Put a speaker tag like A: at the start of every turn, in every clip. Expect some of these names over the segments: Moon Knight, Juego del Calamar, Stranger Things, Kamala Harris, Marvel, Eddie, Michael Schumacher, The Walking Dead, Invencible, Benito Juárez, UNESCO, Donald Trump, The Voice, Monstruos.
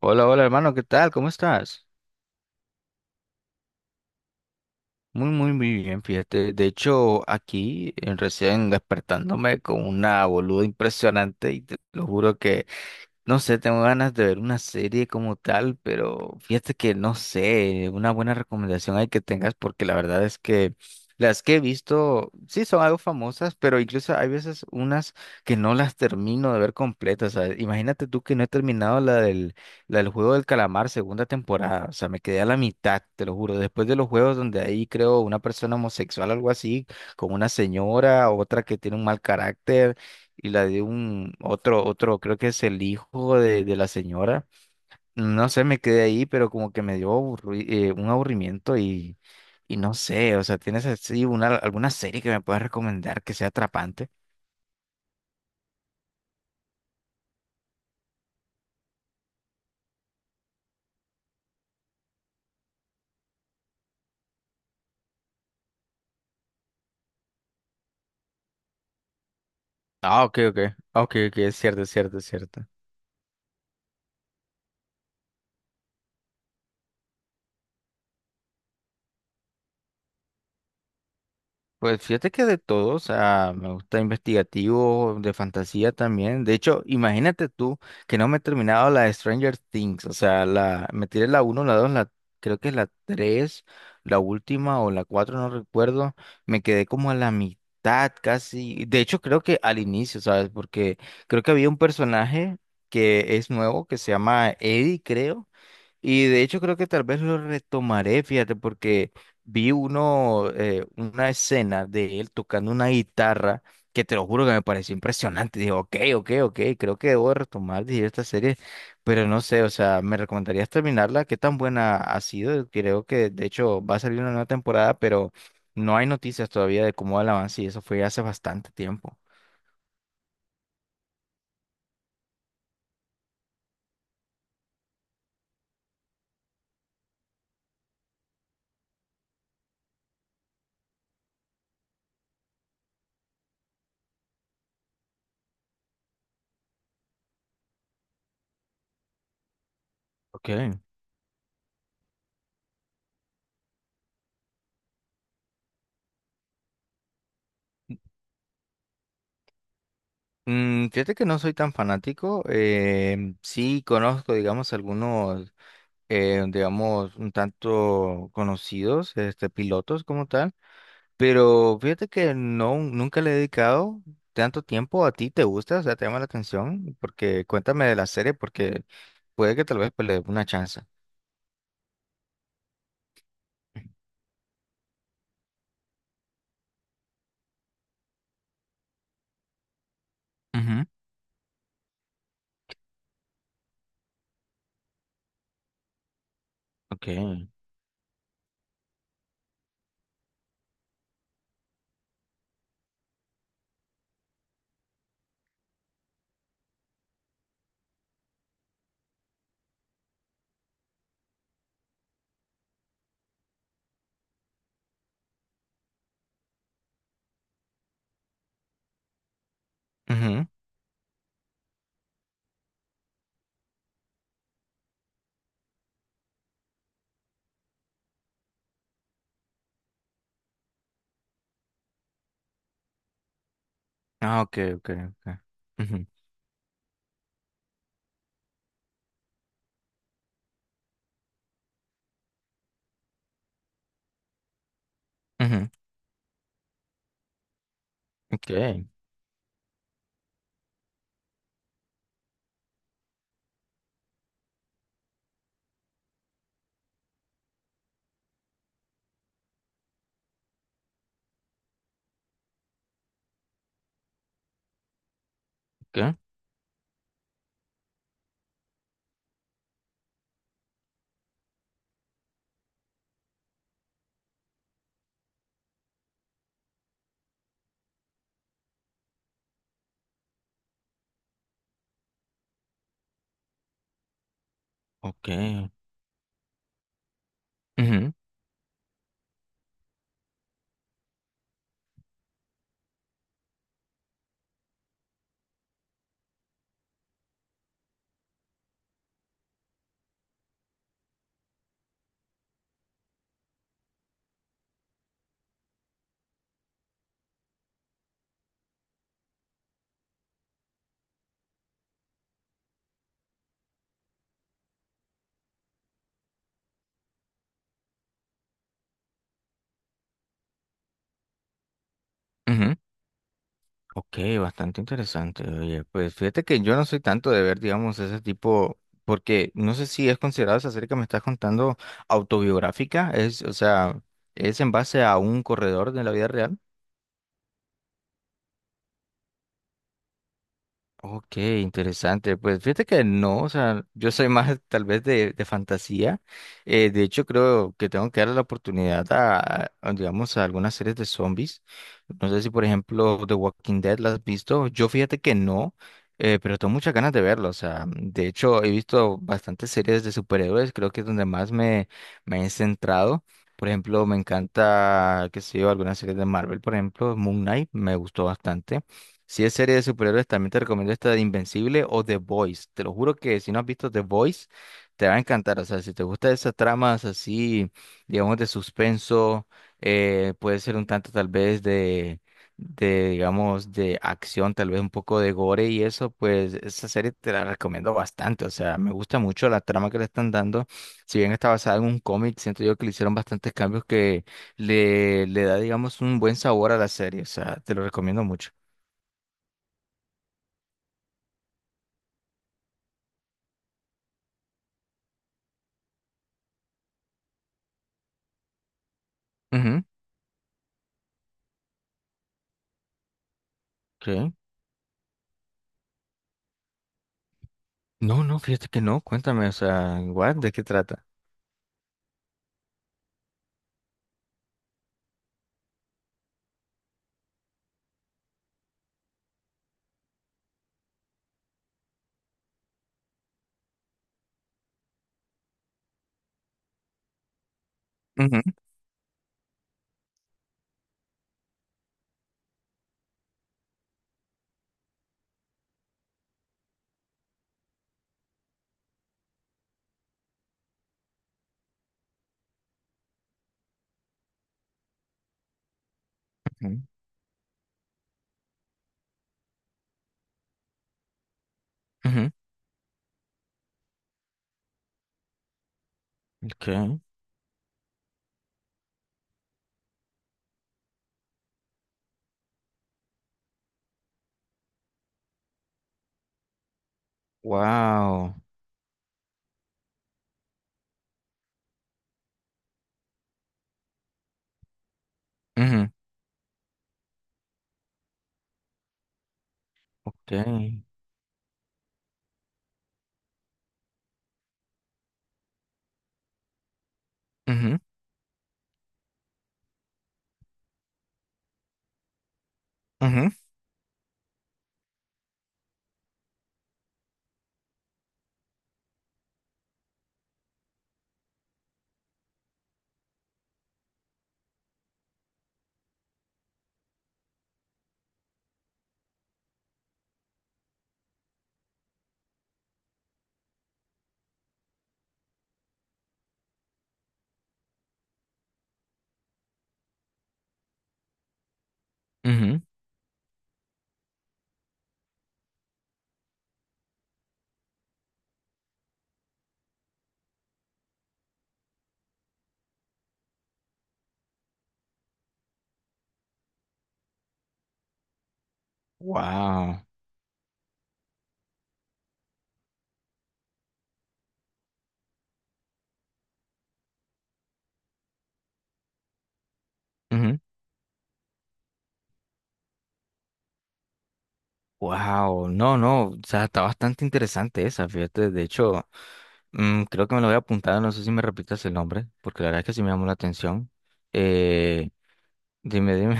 A: Hola, hola hermano, ¿qué tal? ¿Cómo estás? Muy, muy, muy bien, fíjate. De hecho, aquí recién despertándome con una boluda impresionante y te lo juro que no sé, tengo ganas de ver una serie como tal, pero fíjate que no sé, una buena recomendación hay que tengas porque la verdad es que las que he visto, sí son algo famosas, pero incluso hay veces unas que no las termino de ver completas. O imagínate tú que no he terminado la del Juego del Calamar segunda temporada, o sea, me quedé a la mitad, te lo juro, después de los juegos donde ahí creo una persona homosexual, algo así, con una señora, otra que tiene un mal carácter y la de un otro, creo que es el hijo de la señora. No sé, me quedé ahí, pero como que me dio un aburrimiento y no sé, o sea, ¿tienes así alguna serie que me puedas recomendar que sea atrapante? Ah, ok, ok, ok, ok, es cierto, es cierto, es cierto. Pues fíjate que de todo, o sea, me gusta investigativo, de fantasía también. De hecho, imagínate tú que no me he terminado la de Stranger Things, o sea, me tiré la uno, la 2, creo que es la 3, la última o la 4 no recuerdo. Me quedé como a la mitad casi. De hecho, creo que al inicio, ¿sabes? Porque creo que había un personaje que es nuevo, que se llama Eddie, creo, y de hecho creo que tal vez lo retomaré, fíjate, porque vi uno, una escena de él tocando una guitarra que te lo juro que me pareció impresionante. Dije, ok, ok, ok, creo que debo retomar, dije, esta serie, pero no sé, o sea, me recomendarías terminarla, qué tan buena ha sido. Creo que de hecho va a salir una nueva temporada, pero no hay noticias todavía de cómo va el avance y eso fue hace bastante tiempo. Okay. Mm, fíjate que no soy tan fanático, sí conozco, digamos, algunos digamos, un tanto conocidos, este, pilotos como tal, pero fíjate que no, nunca le he dedicado tanto tiempo a ti, ¿te gusta? O sea, te llama la atención, porque cuéntame de la serie, porque puede que tal vez pues, le dé una chance. Ujú, ok, ujú. Ah, ok, ok, ok, ujú, ujú, ok, ok, ok, ujú, ujú. Ok, bastante interesante. Oye, pues fíjate que yo no soy tanto de ver, digamos, ese tipo, porque no sé si es considerado esa serie que me estás contando autobiográfica, es, o sea, es en base a un corredor de la vida real. Ok, interesante. Pues fíjate que no, o sea, yo soy más tal vez de fantasía. De hecho, creo que tengo que darle la oportunidad digamos, a algunas series de zombies. No sé si, por ejemplo, The Walking Dead la has visto. Yo fíjate que no, pero tengo muchas ganas de verlo. O sea, de hecho, he visto bastantes series de superhéroes. Creo que es donde más me he centrado. Por ejemplo, me encanta, qué sé yo, algunas series de Marvel, por ejemplo, Moon Knight, me gustó bastante. Si es serie de superhéroes, también te recomiendo esta de Invencible o The Voice. Te lo juro que si no has visto The Voice, te va a encantar. O sea, si te gustan esas tramas así, digamos, de suspenso, puede ser un tanto tal vez digamos, de acción, tal vez un poco de gore y eso, pues esa serie te la recomiendo bastante. O sea, me gusta mucho la trama que le están dando. Si bien está basada en un cómic, siento yo que le hicieron bastantes cambios que le da, digamos, un buen sabor a la serie. O sea, te lo recomiendo mucho. Ujú. ¿Qué? No, no, fíjate que no. Cuéntame, o sea, what, ¿de qué trata? Ujú, ujú. Ujú. Okay. Wow. Ujú. Okay. Ujú. Ujú. Ujú. Wow. Ujú. Wow. No, no. O sea, está bastante interesante esa, fíjate. De hecho, mm, creo que me lo voy a apuntar. No sé si me repitas el nombre, porque la verdad es que sí me llamó la atención. Eh, dime, dime.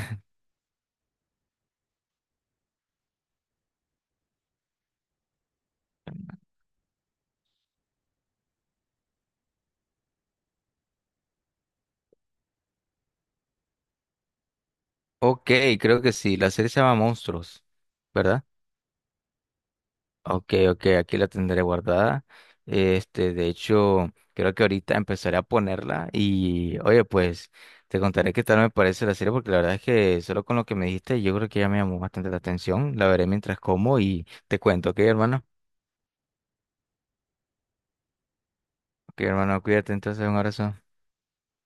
A: Ok, creo que sí. La serie se llama Monstruos, ¿verdad? Ok, ok, aquí la tendré guardada. Este, de hecho, creo que ahorita empezaré a ponerla y, oye, pues te contaré qué tal me parece la serie porque la verdad es que solo con lo que me dijiste yo creo que ya me llamó bastante la atención. La veré mientras como y te cuento, ¿ok, hermano? Ok, hermano, cuídate entonces, un abrazo.